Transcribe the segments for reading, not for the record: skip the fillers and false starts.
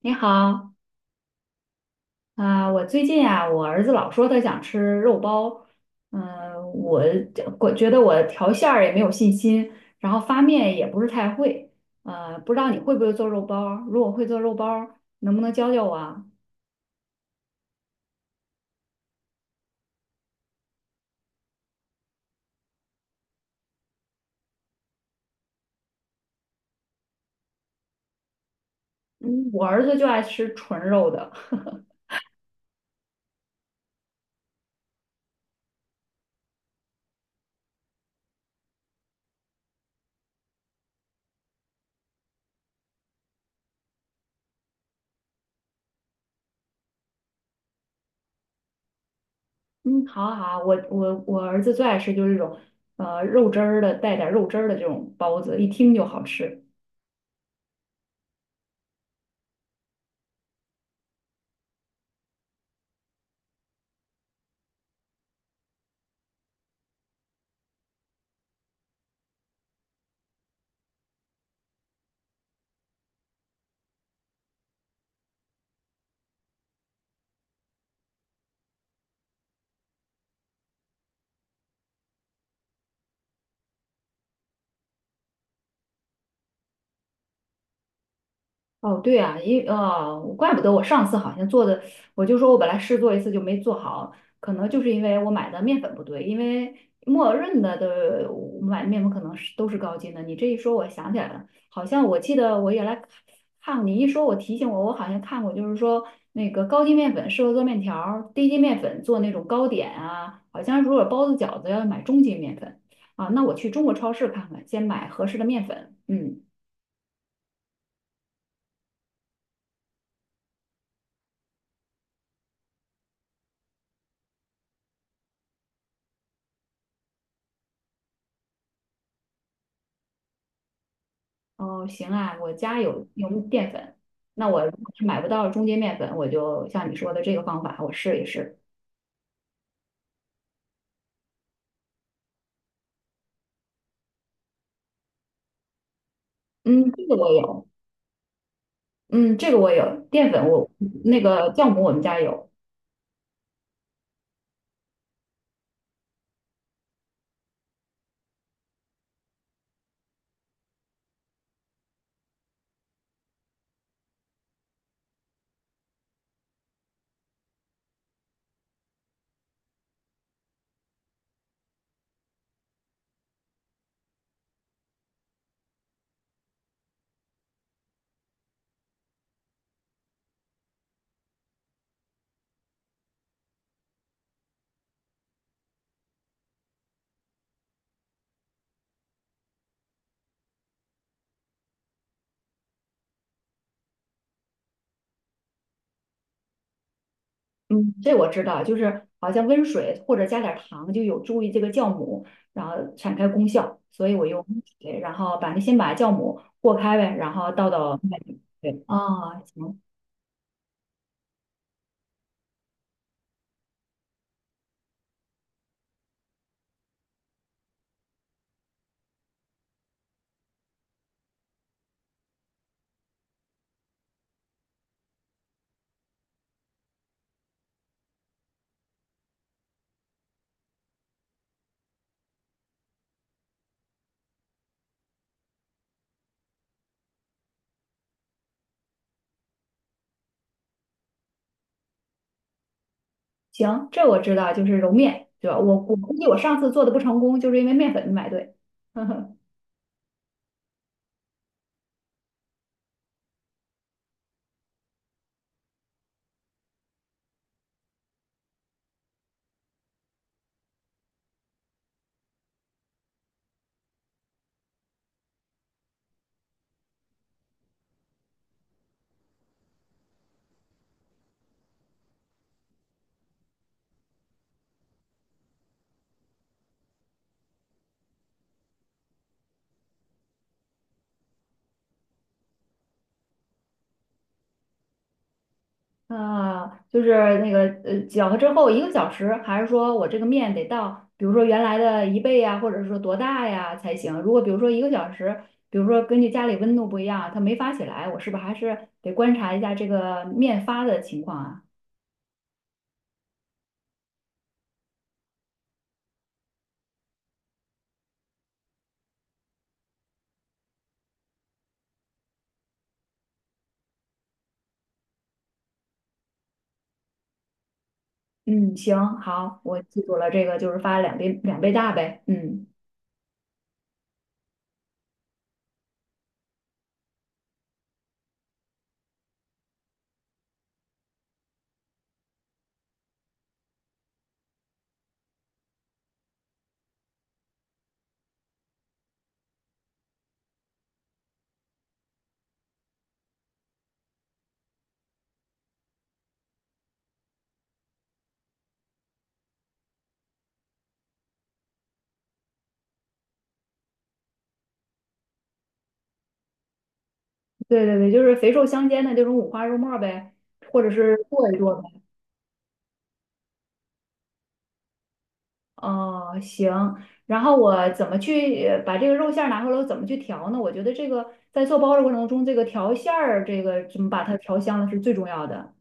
你好，啊、我最近啊，我儿子老说他想吃肉包，嗯、我我觉得我调馅儿也没有信心，然后发面也不是太会，不知道你会不会做肉包？如果会做肉包，能不能教教我啊？嗯，我儿子就爱吃纯肉的。嗯，好啊好啊，我儿子最爱吃就是这种，肉汁儿的，带点儿肉汁儿的这种包子，一听就好吃。哦，对啊，怪不得我上次好像做的，我就说我本来试做一次就没做好，可能就是因为我买的面粉不对，因为默认的我买的面粉可能是都是高筋的。你这一说，我想起来了，好像我记得我原来看你一说，我提醒我，我好像看过，就是说那个高筋面粉适合做面条儿，低筋面粉做那种糕点啊，好像如果包子饺子要买中筋面粉啊。那我去中国超市看看，先买合适的面粉，嗯。哦，行啊，我家有用淀粉，那我如果是买不到中筋面粉，我就像你说的这个方法，我试一试。嗯，这个我有，嗯，这个我有，淀粉我那个酵母我们家有，嗯，这我知道，就是好像温水或者加点糖就有助于这个酵母，然后产开功效，所以我用温水，然后把那先把酵母和开呗，然后倒到面里。对，哦，行。行，这我知道，就是揉面，对吧？我估计我上次做的不成功，就是因为面粉没买对。呵呵，啊，就是那个搅和之后一个小时，还是说我这个面得到，比如说原来的一倍呀，或者说多大呀才行？如果比如说一个小时，比如说根据家里温度不一样，它没发起来，我是不是还是得观察一下这个面发的情况啊？嗯，行，好，我记住了，这个就是发两倍两倍大呗。嗯。对对对，就是肥瘦相间的这种五花肉末呗，或者是剁一剁呗。哦，行。然后我怎么去把这个肉馅儿拿回来，我怎么去调呢？我觉得这个在做包的过程中，这个调馅儿，这个怎么把它调香了是最重要的。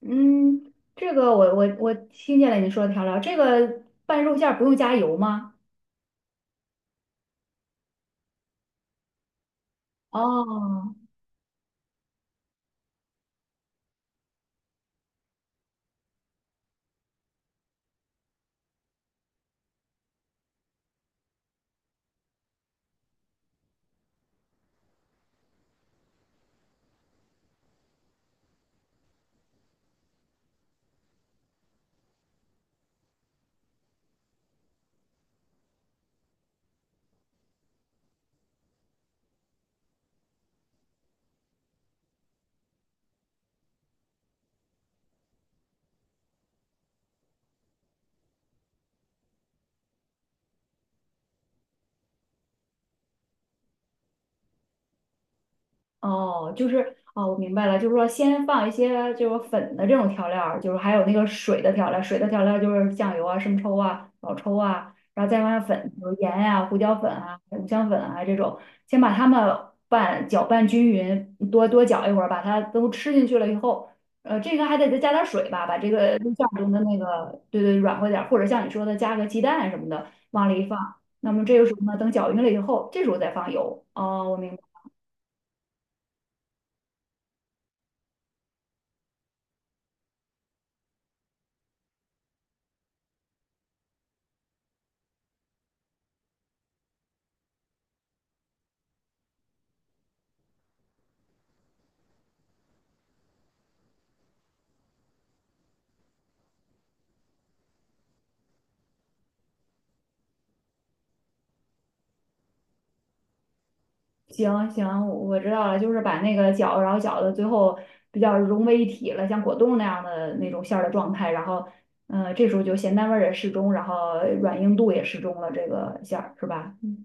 嗯，这个我听见了你说的调料，这个拌肉馅儿不用加油吗？哦哦，我明白了，就是说先放一些就是粉的这种调料儿，就是还有那个水的调料，就是酱油啊、生抽啊、老抽啊，然后再放上粉，比如盐啊、胡椒粉啊、五香粉啊这种，先把它们搅拌均匀，多多搅一会儿，把它都吃进去了以后，呃，这个还得再加点儿水吧，把这个肉酱中的那个软和点儿，或者像你说的加个鸡蛋什么的往里一放，那么这个时候呢，等搅匀了以后，这时候再放油。哦，我明白。行行，我知道了，就是把那个饺子，然后饺子最后比较融为一体了，像果冻那样的那种馅儿的状态，然后，嗯，这时候就咸淡味儿也适中，然后软硬度也适中了，这个馅儿是吧？嗯，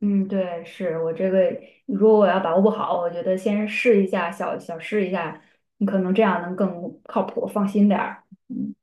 嗯，对，是我这个，如果我要把握不好，我觉得先试一下，小小试一下，你可能这样能更靠谱，放心点儿。嗯。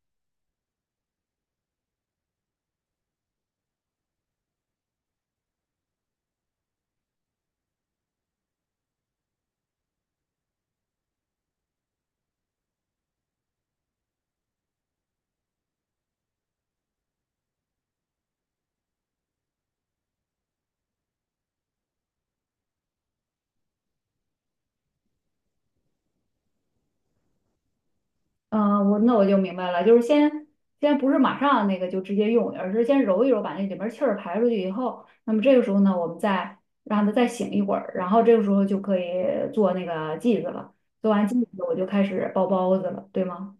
嗯，我那我就明白了，就是先不是马上那个就直接用，而是先揉一揉，把那里面气儿排出去以后，那么这个时候呢，我们再让它再醒一会儿，然后这个时候就可以做那个剂子了。做完剂子，我就开始包包子了，对吗？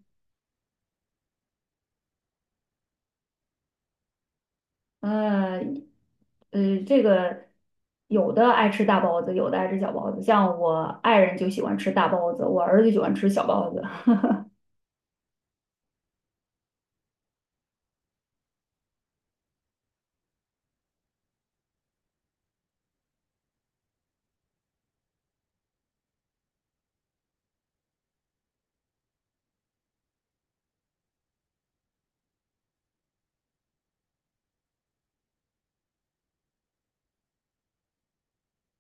呃，呃，这个有的爱吃大包子，有的爱吃小包子，像我爱人就喜欢吃大包子，我儿子就喜欢吃小包子。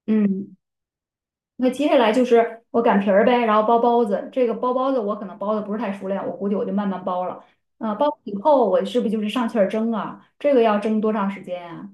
嗯，那接下来就是我擀皮儿呗，然后包包子。这个包包子我可能包的不是太熟练，我估计我就慢慢包了。呃，包以后我是不是就是上气儿蒸啊？这个要蒸多长时间啊？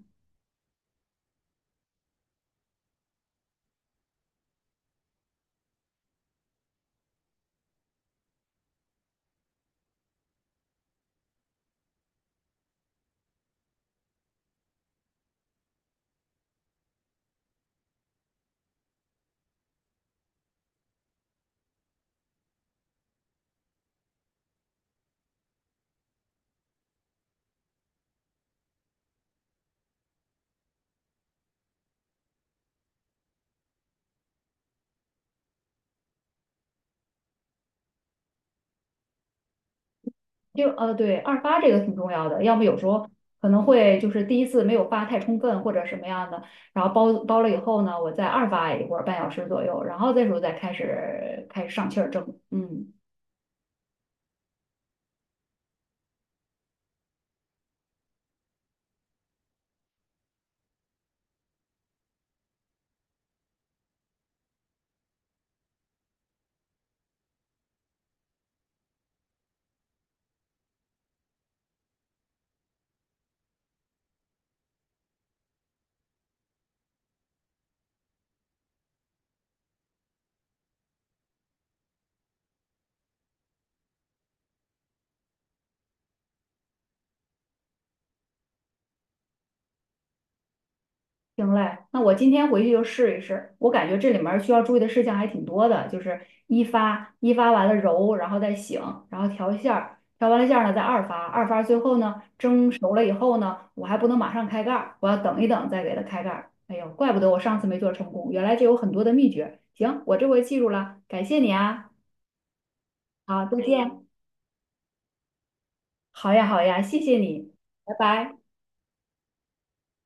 对，二发这个挺重要的，要么有时候可能会就是第一次没有发太充分或者什么样的，然后包包了以后呢，我再二发一会儿半小时左右，然后这时候再开始开始上气儿蒸。嗯。行嘞，那我今天回去就试一试。我感觉这里面儿需要注意的事项还挺多的，就是一发，一发完了揉，然后再醒，然后调馅儿，调完了馅儿呢再二发，二发最后呢蒸熟了以后呢，我还不能马上开盖儿，我要等一等再给它开盖儿。哎呦，怪不得我上次没做成功，原来这有很多的秘诀。行，我这回记住了，感谢你啊。好，再见。好呀，好呀，谢谢你，拜拜。